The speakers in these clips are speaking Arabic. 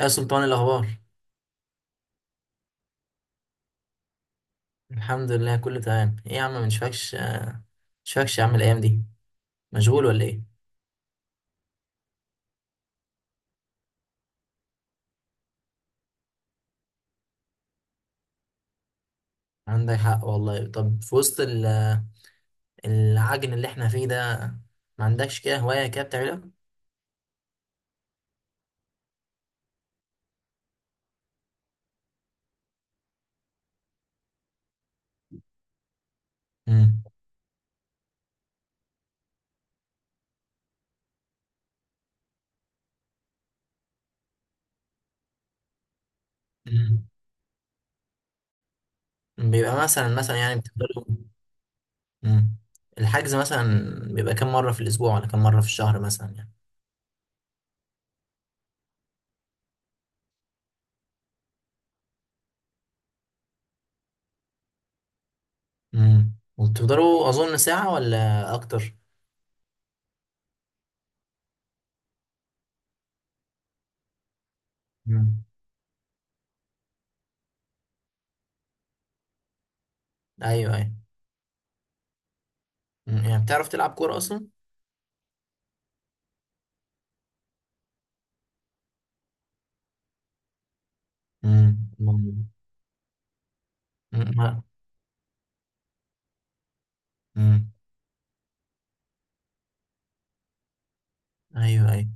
يا سلطان، إيه الأخبار؟ الحمد لله، كله تمام. إيه يا عم، مش مش فاكش يا عم الأيام دي؟ مشغول ولا إيه؟ عندك حق والله. طب في وسط العجن اللي إحنا فيه ده، ما عندكش كده هواية كده بتعملها؟ امم. أمم. بيبقى مثلا، يعني بتفضلوا، امم، الحجز مثلا، بيبقى كام مرة في الأسبوع ولا كام مرة في الشهر مثلا يعني؟ امم. وبتفضلوا أظن ساعة ولا أكتر؟ امم. أيوه أيوه. مم. يعني بتعرف تلعب كورة أصلا؟ امم. أمم. ايوه ايوه.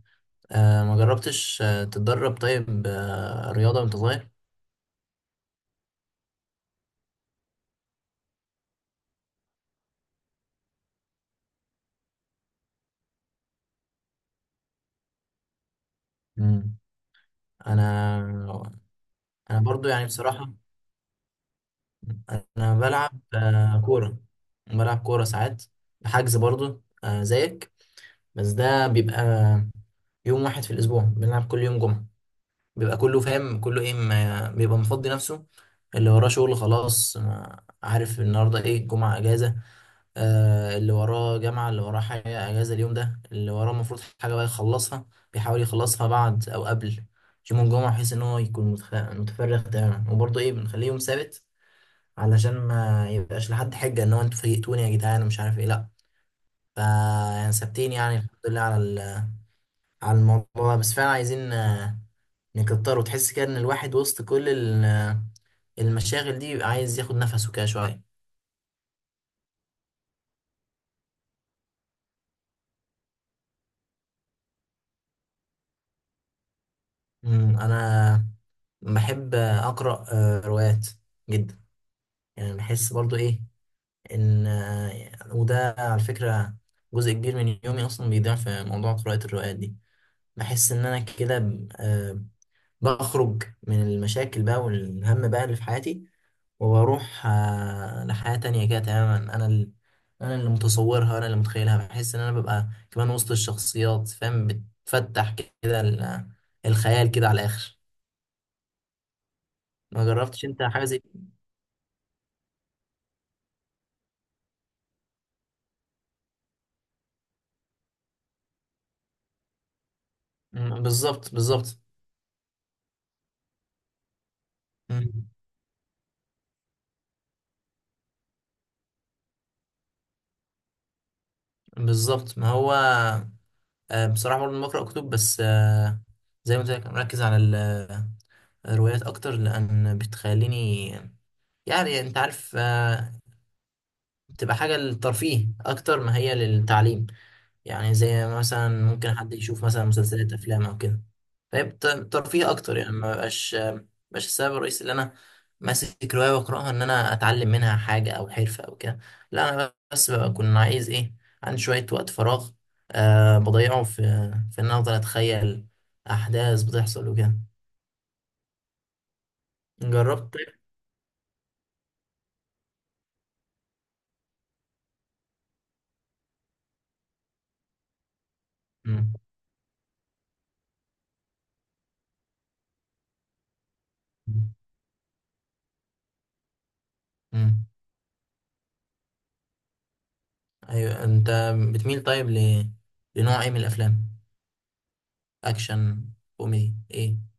آه، ما جربتش تتدرب؟ طيب، آه، رياضة وانت صغير؟ مم. انا انا برضو يعني بصراحة انا بلعب كورة، بلعب كورة ساعات. حجز برضو آه زيك، بس ده بيبقى يوم واحد في الأسبوع، بنلعب كل يوم جمعة. بيبقى كله فاهم، كله إيه، ما بيبقى مفضي نفسه. اللي وراه شغل خلاص، ما عارف النهاردة إيه، جمعة إجازة. اللي وراه جامعة، اللي وراه حاجة أجازة اليوم ده، اللي وراه المفروض حاجة بقى يخلصها، بيحاول يخلصها بعد أو قبل يوم الجمعة، بحيث إن هو يكون متفرغ تماما. وبرضه إيه، بنخليه يوم سابت علشان ما يبقاش لحد حجة إن هو أنتوا فيقتوني يا جدعان ومش عارف إيه. لأ، فا يعني ثابتين يعني، الحمد لله على على الموضوع ده. بس فعلا عايزين نكتر، وتحس كده إن الواحد وسط كل المشاغل دي بيبقى عايز ياخد نفسه كده شوية. مم، انا بحب اقرا روايات جدا. يعني بحس برضو ايه، ان وده على فكره جزء كبير من يومي اصلا بيضيع في موضوع قراءه الروايات دي. بحس ان انا كده بخرج من المشاكل بقى والهم بقى اللي في حياتي، وبروح لحياه تانية كده تماما، انا انا اللي متصورها، انا اللي متخيلها. بحس ان انا ببقى كمان وسط الشخصيات، فاهم، بتفتح كده الخيال كده على الاخر. ما جربتش انت حاجه زي؟ مم، بالظبط، مم، بالظبط. ما هو بصراحه برضه بقرا كتب، بس زي ما قلت لك، أنا مركز على الروايات اكتر لان بتخليني، يعني انت عارف بتبقى حاجه للترفيه اكتر ما هي للتعليم. يعني زي مثلا ممكن حد يشوف مثلا مسلسلات، افلام او كده، فيبقى ترفيه اكتر. يعني ما بقاش السبب الرئيسي اللي انا ماسك روايه واقراها ان انا اتعلم منها حاجه او حرفه او كده، لا، انا بس بكون عايز ايه، عندي شويه وقت فراغ، أه بضيعه في ان أنا افضل اتخيل احداث بتحصل وكده. جربت طيب. مم. مم. ايوه، بتميل طيب ل... لنوع ايه من الافلام؟ اكشن، كوميدي، ايه؟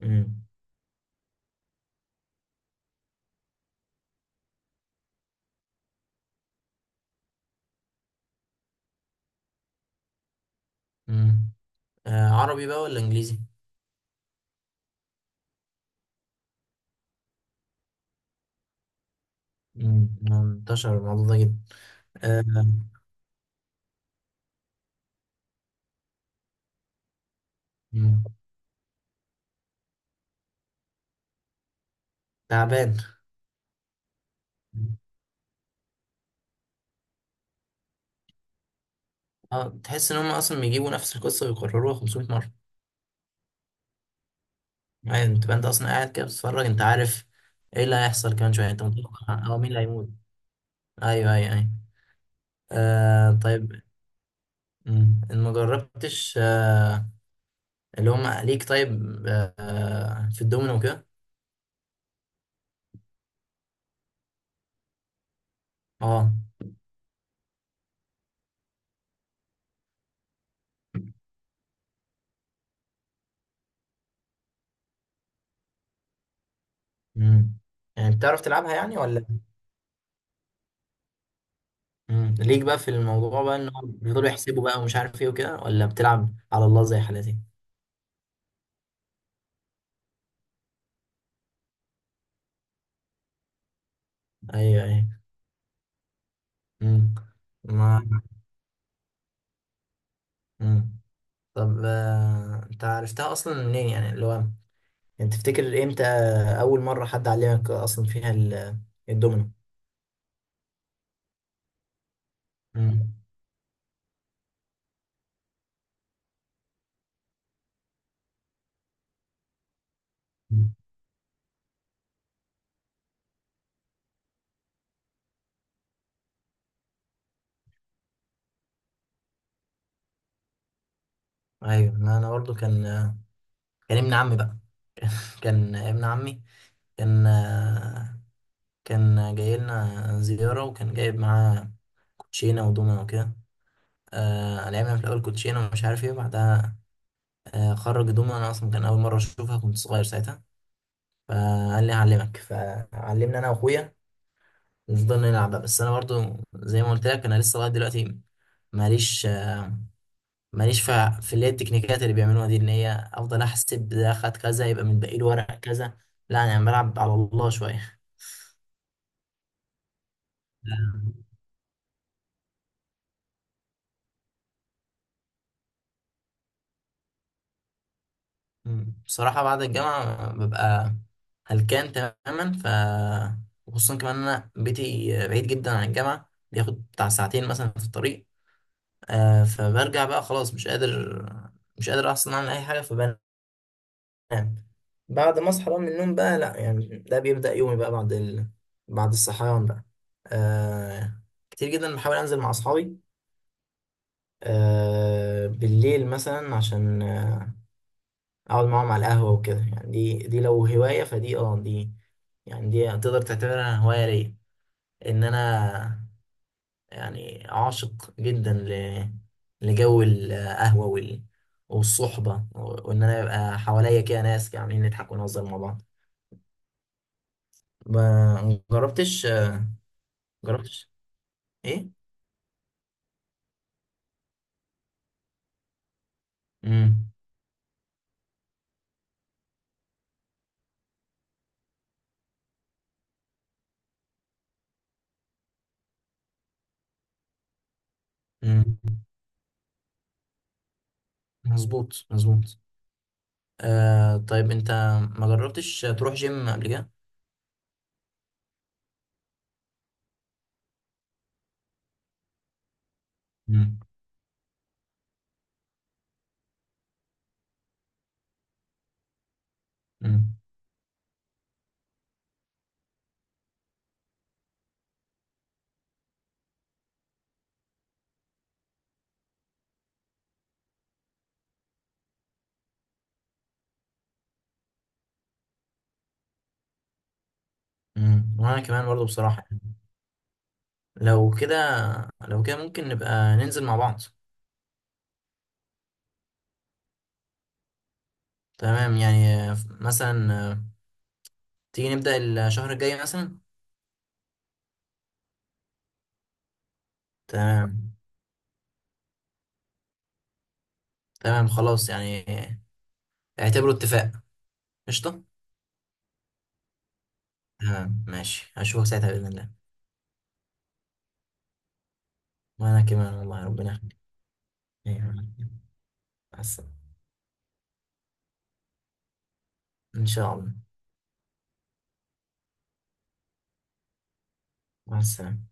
مم. مم. آه، عربي بقى ولا انجليزي؟ مم، منتشر الموضوع ده جدا. آه. مم، تعبان. اه، تحس ان هم اصلا بيجيبوا نفس القصه ويكرروها 500 مره. يعني انت اصلا قاعد كده بتتفرج، انت عارف ايه اللي هيحصل كمان شويه، انت متوقع اه مين اللي هيموت. ايوه ايوه ايوه. آه طيب. مم، ان ما جربتش اللي هم ليك طيب آه في الدومينو وكده؟ اه. مم. يعني بتعرف تلعبها يعني ولا؟ مم. ليك بقى في الموضوع بقى، ان هو بيفضلوا يحسبوا بقى ومش عارف ايه وكده، ولا بتلعب على الله زي حالاتي؟ ايوه ايوه. مم. ما مم. طب انت عرفتها اصلا منين؟ يعني اللي هو انت تفتكر امتى اول مره حد علمك اصلا فيها الدومينو؟ مم. مم. ايوه، ما انا برضو كان ابن عمي بقى، كان ابن عمي كان كان جاي لنا زياره، وكان جايب معاه كوتشينه ودومينو وكده. آه، لعبنا في الاول كوتشينه ومش عارف ايه، بعدها آه خرج دومنا. انا اصلا كان اول مره اشوفها، كنت صغير ساعتها، فقال لي هعلمك، فعلمنا انا واخويا، نفضل نلعب بقى. بس انا برضو زي ما قلت لك، انا لسه لغايه دلوقتي ماليش ماليش اللي هي التكنيكات اللي بيعملوها دي، ان هي افضل احسب ده، خد كذا يبقى متبقي له ورق كذا. لا، انا يعني بلعب على الله شويه. مم. بصراحة، بعد الجامعة ببقى هلكان تماما، وخصوصا كمان أنا بيتي بعيد جدا عن الجامعة، بياخد بتاع ساعتين مثلا في الطريق. فبرجع بقى خلاص مش قادر أصلا أعمل أي حاجة، فبنام. بعد ما أصحى بقى من النوم بقى، لأ يعني ده بيبدأ يومي بقى بعد بعد الصحيان بقى. آه، كتير جدا بحاول أنزل مع أصحابي بالليل مثلا، عشان اقعد معاهم على القهوة وكده. يعني دي لو هواية، فدي اه دي، يعني دي تقدر تعتبرها هواية ليا. ان انا يعني عاشق جدا لجو القهوة والصحبة، وان انا يبقى حواليا كده ناس عاملين، نضحك ونهزر مع بعض. ما جربتش ايه؟ امم. امم. مظبوط. آه طيب، انت ما جربتش تروح جيم قبل كده؟ امم. امم. امم. وانا كمان برضه بصراحة. لو كده لو كده ممكن نبقى ننزل مع بعض. تمام يعني مثلا تيجي نبدأ الشهر الجاي مثلا. تمام. تمام خلاص يعني اعتبره اتفاق. قشطة. تمام ماشي، هشوفك ساعتها بإذن الله. وأنا كمان والله، ربنا يخليك. أيوة. مع السلامة. إن شاء الله. مع السلامة.